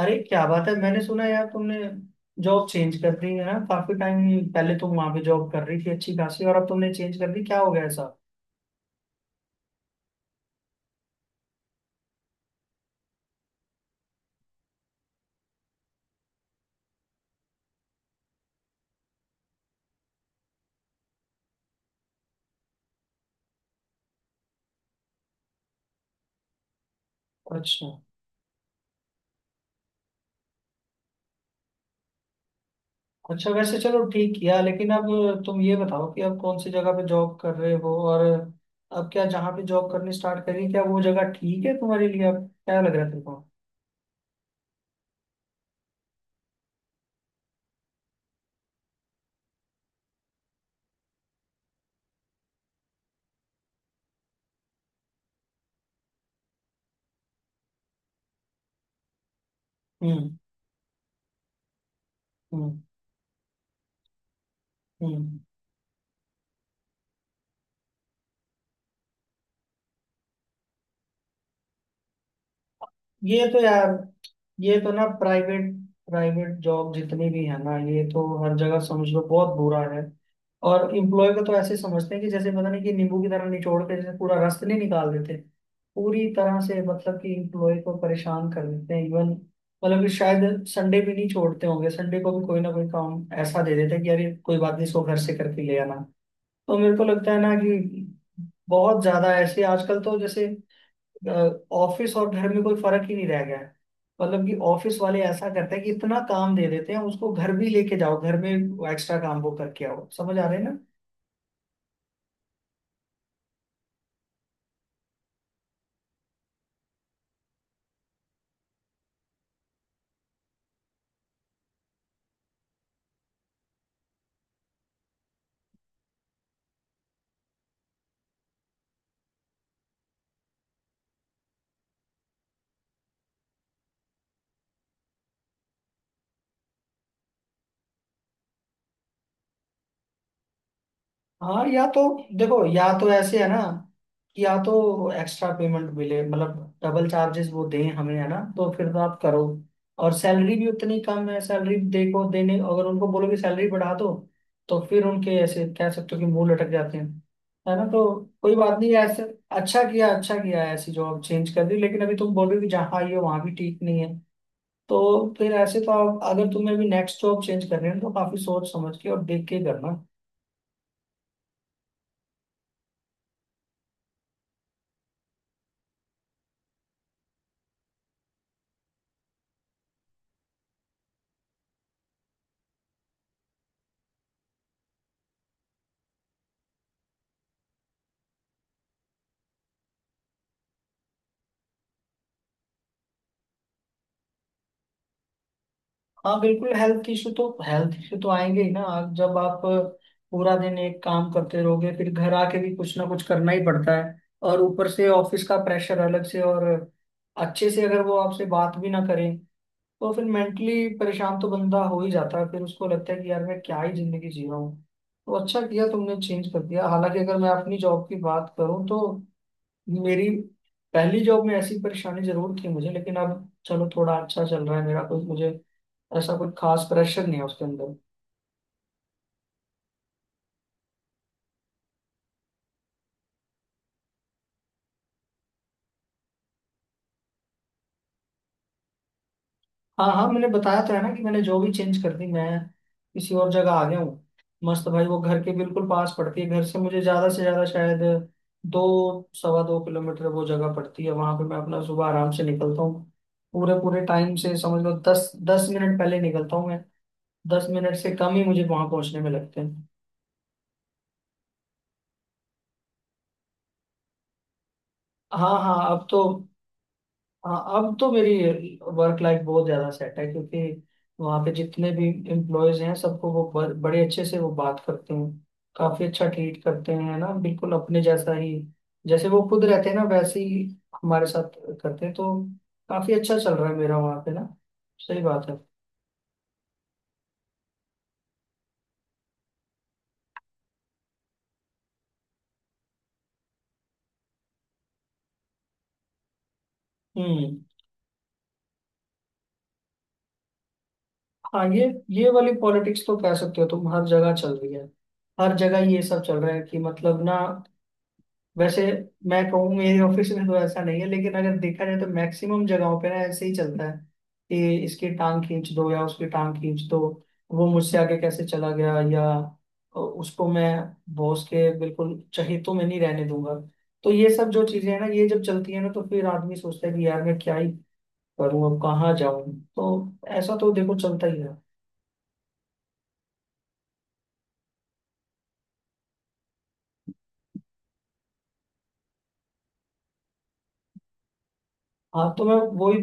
अरे, क्या बात है। मैंने सुना यार, तुमने जॉब चेंज कर दी है ना? काफी टाइम पहले तुम वहां पे जॉब कर रही थी अच्छी खासी, और अब तुमने चेंज कर दी, क्या हो गया ऐसा? अच्छा, अच्छा, वैसे चलो ठीक किया। लेकिन अब तुम ये बताओ कि अब कौन सी जगह पे जॉब कर रहे हो, और अब क्या जहाँ पे जॉब करनी स्टार्ट करी, क्या वो जगह ठीक है तुम्हारे लिए? अब क्या लग रहा है तुमको? हम्म। हम्म। हम्म। ये तो यार ये तो ना प्राइवेट प्राइवेट जॉब जितनी भी है ना, ये तो हर जगह समझ लो बहुत बुरा है। और इम्प्लॉय को तो ऐसे समझते हैं कि जैसे पता नहीं, कि नींबू की तरह निचोड़ के जैसे पूरा रस नहीं निकाल देते, पूरी तरह से। मतलब कि इम्प्लॉय को परेशान कर देते हैं इवन। मतलब कि शायद संडे भी नहीं छोड़ते होंगे, संडे को भी कोई ना कोई काम ऐसा दे देते हैं कि अरे कोई बात नहीं, इसको घर से करके ले आना। तो मेरे को लगता है ना कि बहुत ज्यादा ऐसे आजकल तो जैसे ऑफिस और घर में कोई फर्क ही नहीं रह गया है। मतलब कि ऑफिस वाले ऐसा करते हैं कि इतना काम दे देते हैं, उसको घर भी लेके जाओ, घर में एक्स्ट्रा काम वो करके आओ, समझ आ रहे हैं ना? हाँ। या तो ऐसे है ना, कि या तो एक्स्ट्रा पेमेंट मिले, मतलब डबल चार्जेस वो दें हमें, है ना, तो फिर तो आप करो। और सैलरी भी उतनी कम है, सैलरी देखो, देने अगर उनको बोलो कि सैलरी बढ़ा दो, तो फिर उनके ऐसे कह सकते हो कि मुंह लटक जाते हैं, है ना। तो कोई बात नहीं ऐसे। अच्छा किया, अच्छा किया ऐसी जॉब चेंज कर दी। लेकिन अभी तुम बोल रहे हो कि जहाँ आई हो वहाँ भी ठीक नहीं है, तो फिर ऐसे तो आप, अगर तुम्हें भी नेक्स्ट जॉब चेंज करनी है, तो काफी सोच समझ के और देख के करना। हाँ, बिल्कुल, हेल्थ इशू तो, हेल्थ इशू तो आएंगे ही ना। जब आप पूरा दिन एक काम करते रहोगे, फिर घर आके भी कुछ ना कुछ करना ही पड़ता है। और ऊपर से ऑफिस का प्रेशर अलग से, और अच्छे से अगर वो आपसे बात भी ना करें, तो फिर मेंटली परेशान तो बंदा हो ही जाता है। फिर उसको लगता है कि यार मैं क्या ही जिंदगी जी रहा हूँ। तो अच्छा किया तुमने चेंज कर दिया। हालांकि अगर मैं अपनी जॉब की बात करूँ, तो मेरी पहली जॉब में ऐसी परेशानी जरूर थी मुझे, लेकिन अब चलो थोड़ा अच्छा चल रहा है मेरा, कुछ मुझे ऐसा कुछ खास प्रेशर नहीं है उसके अंदर। हाँ, हाँ, मैंने बताया तो है ना कि मैंने जो भी चेंज कर दी, मैं किसी और जगह आ गया हूँ। मस्त भाई, वो घर के बिल्कुल पास पड़ती है, घर से मुझे ज्यादा से ज्यादा शायद 2 सवा 2 किलोमीटर वो जगह पड़ती है। वहां पे मैं अपना सुबह आराम से निकलता हूँ, पूरे पूरे टाइम से। समझ लो 10 10 मिनट पहले निकलता हूँ मैं, 10 मिनट से कम ही मुझे वहां पहुंचने में लगते हैं। हाँ हाँ अब तो मेरी वर्क लाइफ बहुत ज्यादा सेट है, क्योंकि वहाँ पे जितने भी एम्प्लॉयज हैं, सबको वो बड़े अच्छे से वो बात करते हैं, काफी अच्छा ट्रीट करते हैं ना, बिल्कुल अपने जैसा ही, जैसे वो खुद रहते हैं ना, वैसे ही हमारे साथ करते हैं। तो काफी अच्छा चल रहा है मेरा वहाँ पे ना। सही बात है। हम्म। हाँ। ये वाली पॉलिटिक्स तो कह सकते हो तुम, हर जगह चल रही है। हर जगह ये सब चल रहा है कि मतलब ना, वैसे मैं कहूँ मेरे ऑफिस में तो ऐसा नहीं है, लेकिन अगर देखा जाए तो मैक्सिमम जगहों पे ना ऐसे ही चलता है, कि इसकी टांग खींच दो या उसकी टांग खींच दो, वो मुझसे आगे कैसे चला गया, या उसको मैं बॉस के बिल्कुल चहेतों में नहीं रहने दूंगा। तो ये सब जो चीजें हैं ना, ये जब चलती है ना, तो फिर आदमी सोचता है कि यार मैं क्या ही करूँ, अब कहाँ जाऊँ। तो ऐसा तो देखो चलता ही है। हाँ तो मैं वही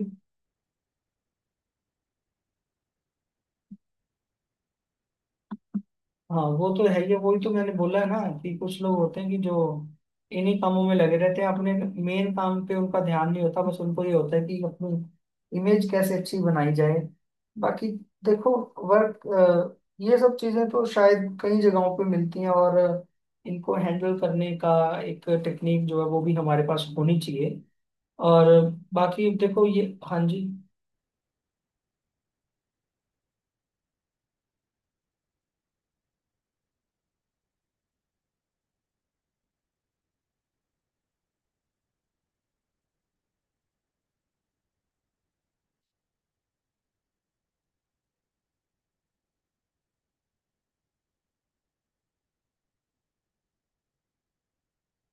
हाँ, वो तो है ही है, वही तो मैंने बोला है ना कि कुछ लोग होते हैं कि जो इन्हीं कामों में लगे रहते हैं, अपने मेन काम पे उनका ध्यान नहीं होता, बस उनको ये होता है कि अपनी इमेज कैसे अच्छी बनाई जाए। बाकी देखो, वर्क, ये सब चीजें तो शायद कई जगहों पे मिलती हैं, और इनको हैंडल करने का एक टेक्निक जो है वो भी हमारे पास होनी चाहिए, और बाकी देखो ये। हाँ जी।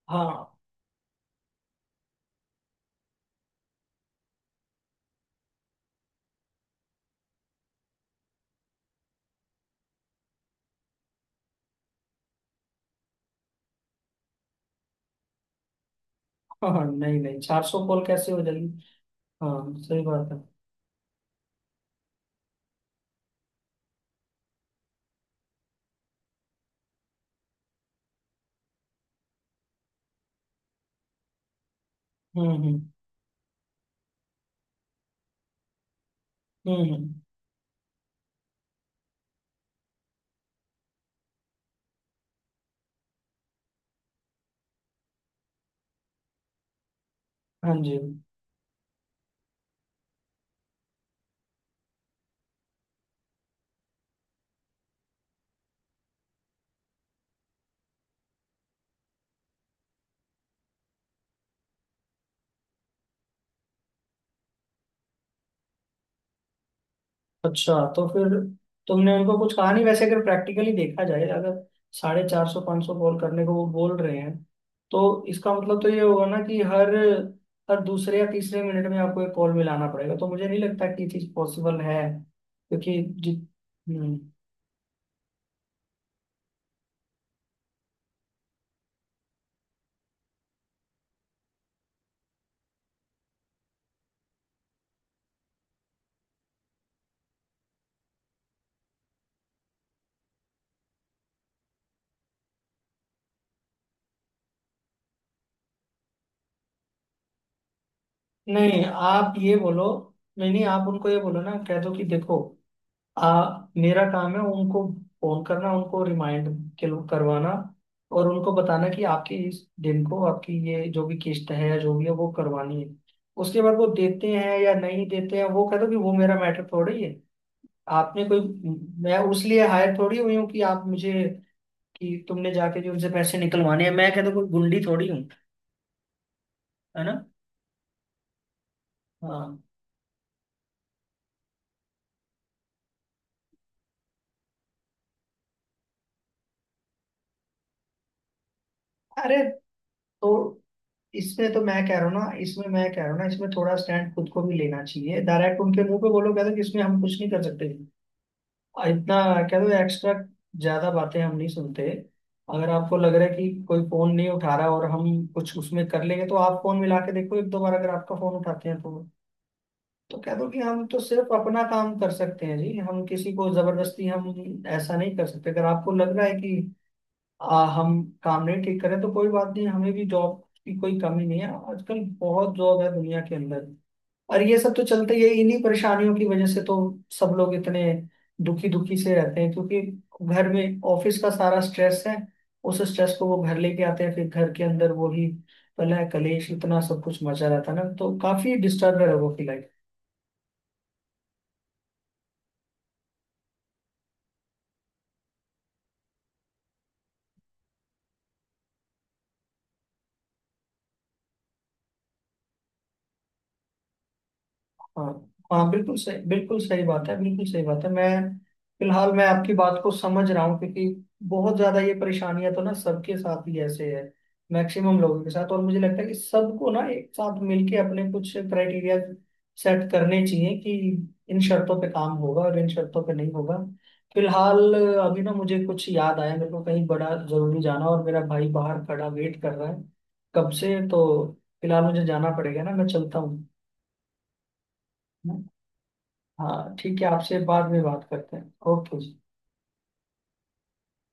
हाँ। हाँ, हाँ, नहीं, नहीं, 400 कॉल कैसे हो जाएगी? हाँ, सही बात है। हम्म। हम्म। हम्म। हम्म। हाँ जी। अच्छा, तो फिर तुमने उनको कुछ कहा नहीं? वैसे अगर प्रैक्टिकली देखा जाए, अगर साढ़े चार सौ पाँच सौ कॉल करने को वो बोल रहे हैं, तो इसका मतलब तो ये होगा ना कि हर हर दूसरे या तीसरे मिनट में आपको एक कॉल मिलाना पड़ेगा। तो मुझे नहीं लगता कि ये चीज़ पॉसिबल है, क्योंकि हम्म। नहीं आप ये बोलो नहीं, नहीं, आप उनको ये बोलो ना, कह दो कि देखो, मेरा काम है उनको फोन करना, उनको रिमाइंड करवाना, और उनको बताना कि आपके इस दिन को आपकी ये जो भी किस्त है या जो भी है वो करवानी है। उसके बाद वो देते हैं या नहीं देते हैं, वो कहते हैं कि वो मेरा मैटर थोड़ी है। आपने कोई मैं उस लिए हायर थोड़ी हुई हूँ, कि आप मुझे कि तुमने जाके जो उनसे पैसे निकलवाने हैं। मैं कहता हूँ कोई गुंडी थोड़ी हूँ, है ना। हाँ। अरे, तो इसमें मैं कह रहा हूँ ना, इसमें थोड़ा स्टैंड खुद को भी लेना चाहिए। डायरेक्ट उनके मुंह पे बोलो, कहते कि इसमें हम कुछ नहीं कर सकते, और इतना, कहते एक्स्ट्रा ज्यादा बातें हम नहीं सुनते। अगर आपको लग रहा है कि कोई फोन नहीं उठा रहा, और हम कुछ उसमें कर लेंगे, तो आप फोन मिला के देखो एक दो बार, अगर आपका फोन उठाते हैं तो। तो कह दो कि हम तो सिर्फ अपना काम कर सकते हैं जी, हम किसी को जबरदस्ती हम ऐसा नहीं कर सकते। अगर आपको लग रहा है कि हम काम नहीं ठीक करें, तो कोई बात नहीं, हमें भी जॉब की कोई कमी नहीं है, आजकल बहुत जॉब है दुनिया के अंदर। और ये सब तो चलते ही है, इन्हीं परेशानियों की वजह से तो सब लोग इतने दुखी दुखी से रहते हैं, क्योंकि घर में ऑफिस का सारा स्ट्रेस है। उस स्ट्रेस को वो घर लेके आते हैं, फिर घर के अंदर वो ही कलह कलेश इतना सब कुछ मचा रहता है ना, तो काफी डिस्टर्ब है लोगों की लाइफ। हाँ। हाँ, बिल्कुल सही, बिल्कुल सही बात है, बिल्कुल सही बात है। मैं फिलहाल मैं आपकी बात को समझ रहा हूँ, क्योंकि बहुत ज्यादा ये परेशानियां तो ना सबके साथ ही ऐसे है, मैक्सिमम लोगों के साथ। और मुझे लगता है कि सबको ना एक साथ मिलके अपने कुछ क्राइटेरिया सेट करने चाहिए, कि इन शर्तों पे काम होगा और इन शर्तों पे नहीं होगा। फिलहाल, अभी ना मुझे कुछ याद आया, मेरे को कहीं बड़ा जरूरी जाना, और मेरा भाई बाहर खड़ा वेट कर रहा है कब से। तो फिलहाल मुझे जाना पड़ेगा ना, मैं चलता हूँ। हाँ, ठीक है, आपसे बाद में बात करते हैं, ओके जी।